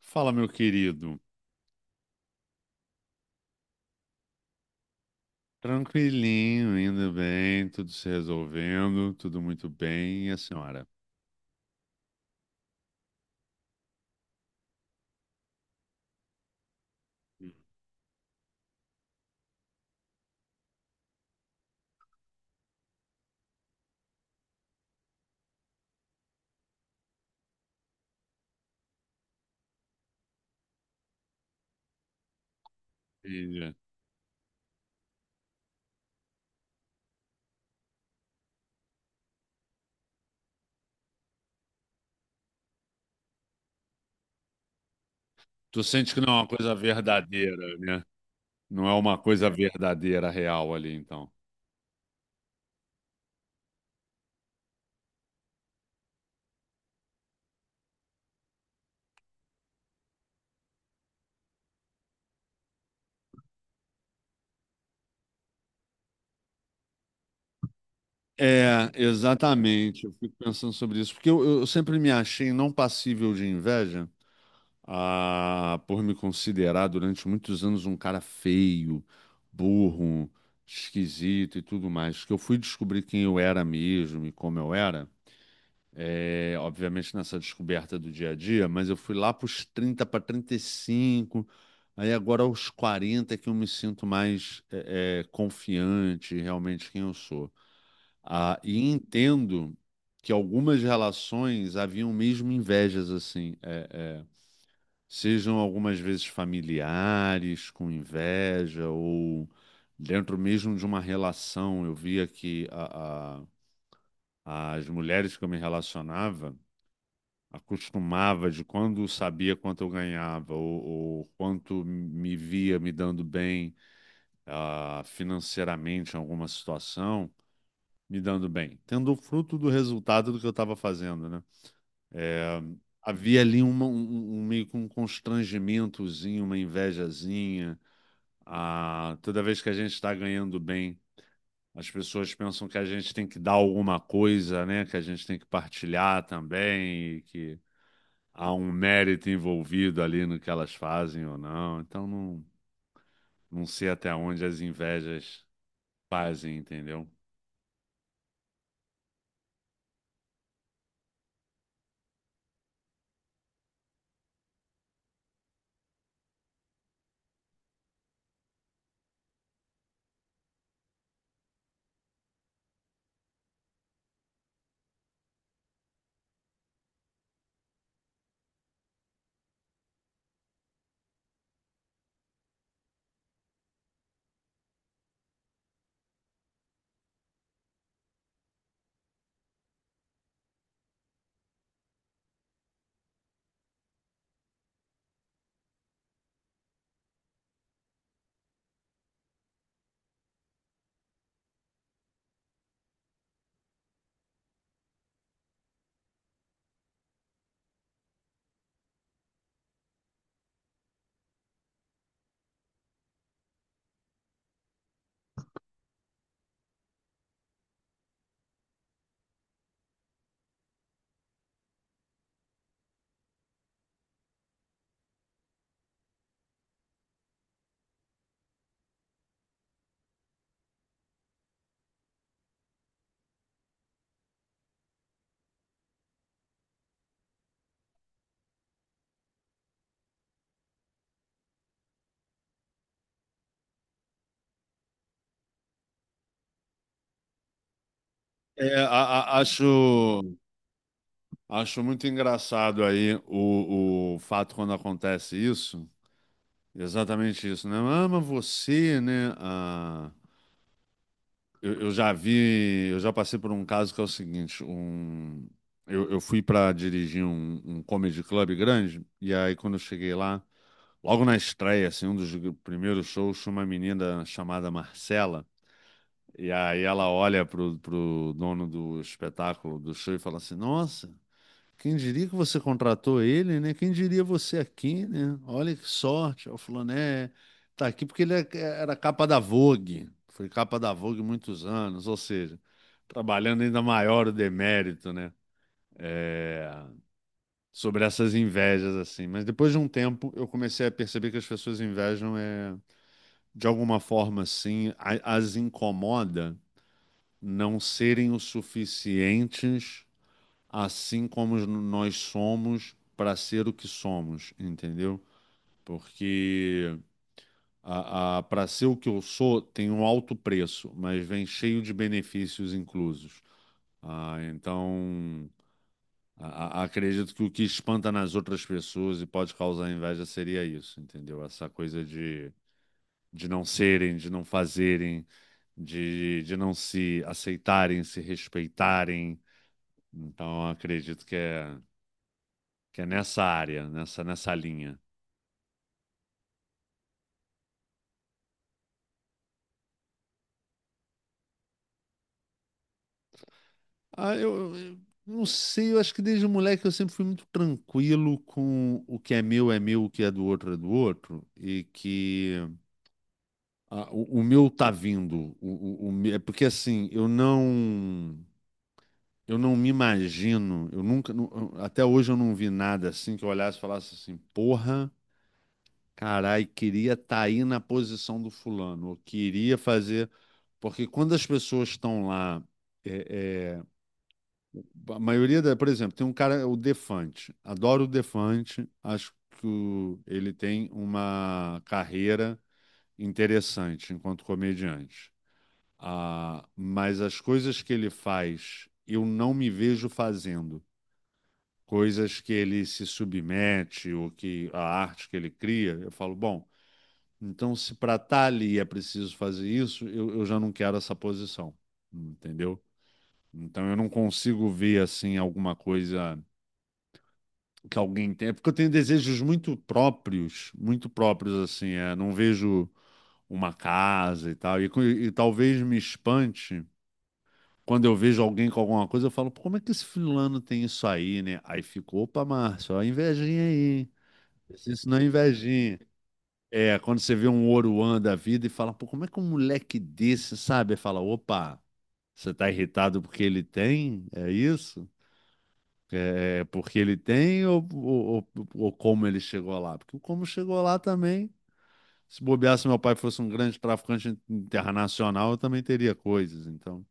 Fala, meu querido. Tranquilinho, indo bem, tudo se resolvendo, tudo muito bem. E a senhora? Entendi. Tu sente que não é uma coisa verdadeira, né? Não é uma coisa verdadeira, real ali, então. É, exatamente. Eu fico pensando sobre isso, porque eu sempre me achei não passível de inveja, por me considerar durante muitos anos um cara feio, burro, esquisito e tudo mais. Que eu fui descobrir quem eu era mesmo e como eu era. Obviamente nessa descoberta do dia a dia, mas eu fui lá para os 30 para 35, aí agora aos 40 é que eu me sinto mais confiante realmente quem eu sou. Ah, e entendo que algumas relações haviam mesmo invejas assim, sejam algumas vezes familiares com inveja ou dentro mesmo de uma relação. Eu via que as mulheres que eu me relacionava acostumava de quando sabia quanto eu ganhava ou quanto me via me dando bem financeiramente em alguma situação, me dando bem, tendo o fruto do resultado do que eu estava fazendo, né? É, havia ali meio que um constrangimentozinho, uma invejazinha. Ah, toda vez que a gente está ganhando bem, as pessoas pensam que a gente tem que dar alguma coisa, né? Que a gente tem que partilhar também, e que há um mérito envolvido ali no que elas fazem ou não. Então não, não sei até onde as invejas fazem, entendeu? É, a- acho, acho muito engraçado aí o fato quando acontece isso, exatamente isso, né? Ah, mas você, né? Ah, eu já vi, eu já passei por um caso que é o seguinte, eu fui para dirigir um comedy club grande, e aí quando eu cheguei lá, logo na estreia, assim, um dos primeiros shows, tinha uma menina chamada Marcela, e aí ela olha pro dono do espetáculo, do show, e fala assim: Nossa, quem diria que você contratou ele, né? Quem diria você aqui, né? Olha que sorte. Ela falou, né? Tá aqui porque era capa da Vogue, foi capa da Vogue muitos anos, ou seja, trabalhando ainda maior o demérito, né? É, sobre essas invejas, assim. Mas depois de um tempo, eu comecei a perceber que as pessoas invejam é de alguma forma, assim, as incomoda não serem o suficientes, assim como nós somos, para ser o que somos, entendeu? Porque para ser o que eu sou, tem um alto preço, mas vem cheio de benefícios inclusos. Ah, então, acredito que o que espanta nas outras pessoas e pode causar inveja seria isso, entendeu? Essa coisa de não serem, de não fazerem. De não se aceitarem, se respeitarem. Então, eu acredito que é, nessa área, nessa linha. Ah, eu não sei, eu acho que desde moleque eu sempre fui muito tranquilo com o que é meu, o que é do outro, e que o meu tá vindo. É porque assim, eu não. Eu não me imagino, eu nunca, até hoje eu não vi nada assim que eu olhasse e falasse assim, porra, carai, queria estar aí na posição do fulano. Eu queria fazer. Porque quando as pessoas estão lá, é, é, a maioria por exemplo, tem um cara, o Defante. Adoro o Defante, acho que ele tem uma carreira interessante enquanto comediante. Ah, mas as coisas que ele faz, eu não me vejo fazendo. Coisas que ele se submete, ou que a arte que ele cria, eu falo, bom. Então, se para estar ali é preciso fazer isso, eu já não quero essa posição, entendeu? Então, eu não consigo ver assim alguma coisa que alguém tem. É porque eu tenho desejos muito próprios assim, não vejo uma casa e tal, e talvez me espante quando eu vejo alguém com alguma coisa, eu falo, pô, como é que esse fulano tem isso aí, né? Aí ficou, opa, Márcio, ó, a invejinha aí, isso não é invejinha. É, quando você vê um Oruan da vida e fala, pô, como é que um moleque desse, sabe? Fala, opa, você tá irritado porque ele tem? É isso? É porque ele tem ou como ele chegou lá? Porque o como chegou lá também, se bobear, se meu pai fosse um grande traficante internacional, eu também teria coisas. Então,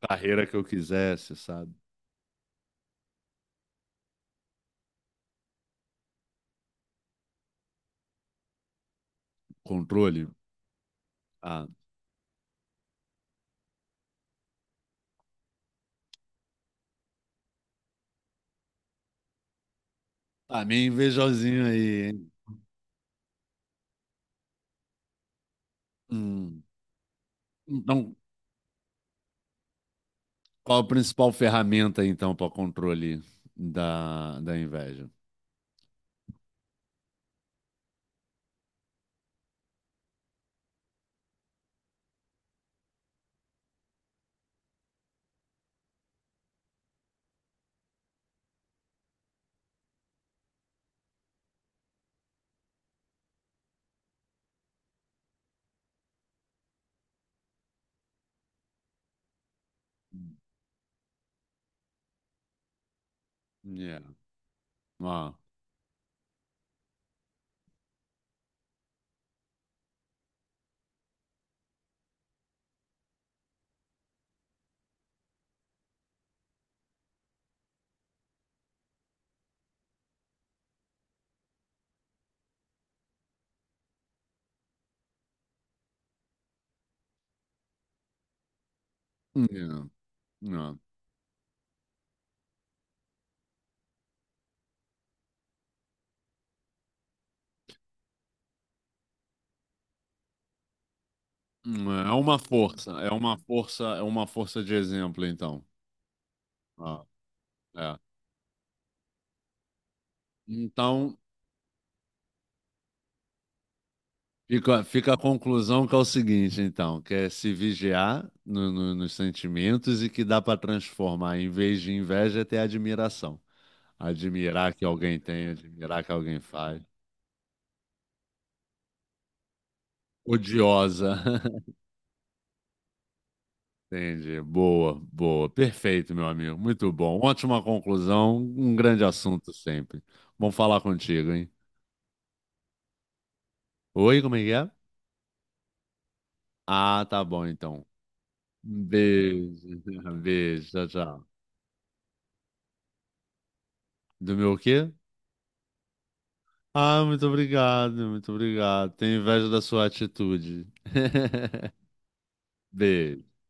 a carreira que eu quisesse, sabe? Controle. Ah, tá meio invejosinho aí, hein? Hum. Então, qual a principal ferramenta, então, para o controle da inveja? Yeah. Ah. Yeah. Ah. É uma força, é uma força, é uma força de exemplo, então. Ah, é. Então, Fica a conclusão que é o seguinte, então, que é se vigiar nos sentimentos e que dá para transformar, em vez de inveja, é admiração. Admirar que alguém tem, admirar que alguém faz. Odiosa. Entendi. Boa, boa. Perfeito, meu amigo. Muito bom. Ótima conclusão. Um grande assunto sempre. Bom falar contigo, hein? Oi, como é que é? Ah, tá bom, então. Um beijo. Beijo. Tchau, tchau. Do meu quê? Ah, muito obrigado, muito obrigado. Tenho inveja da sua atitude. Beijo.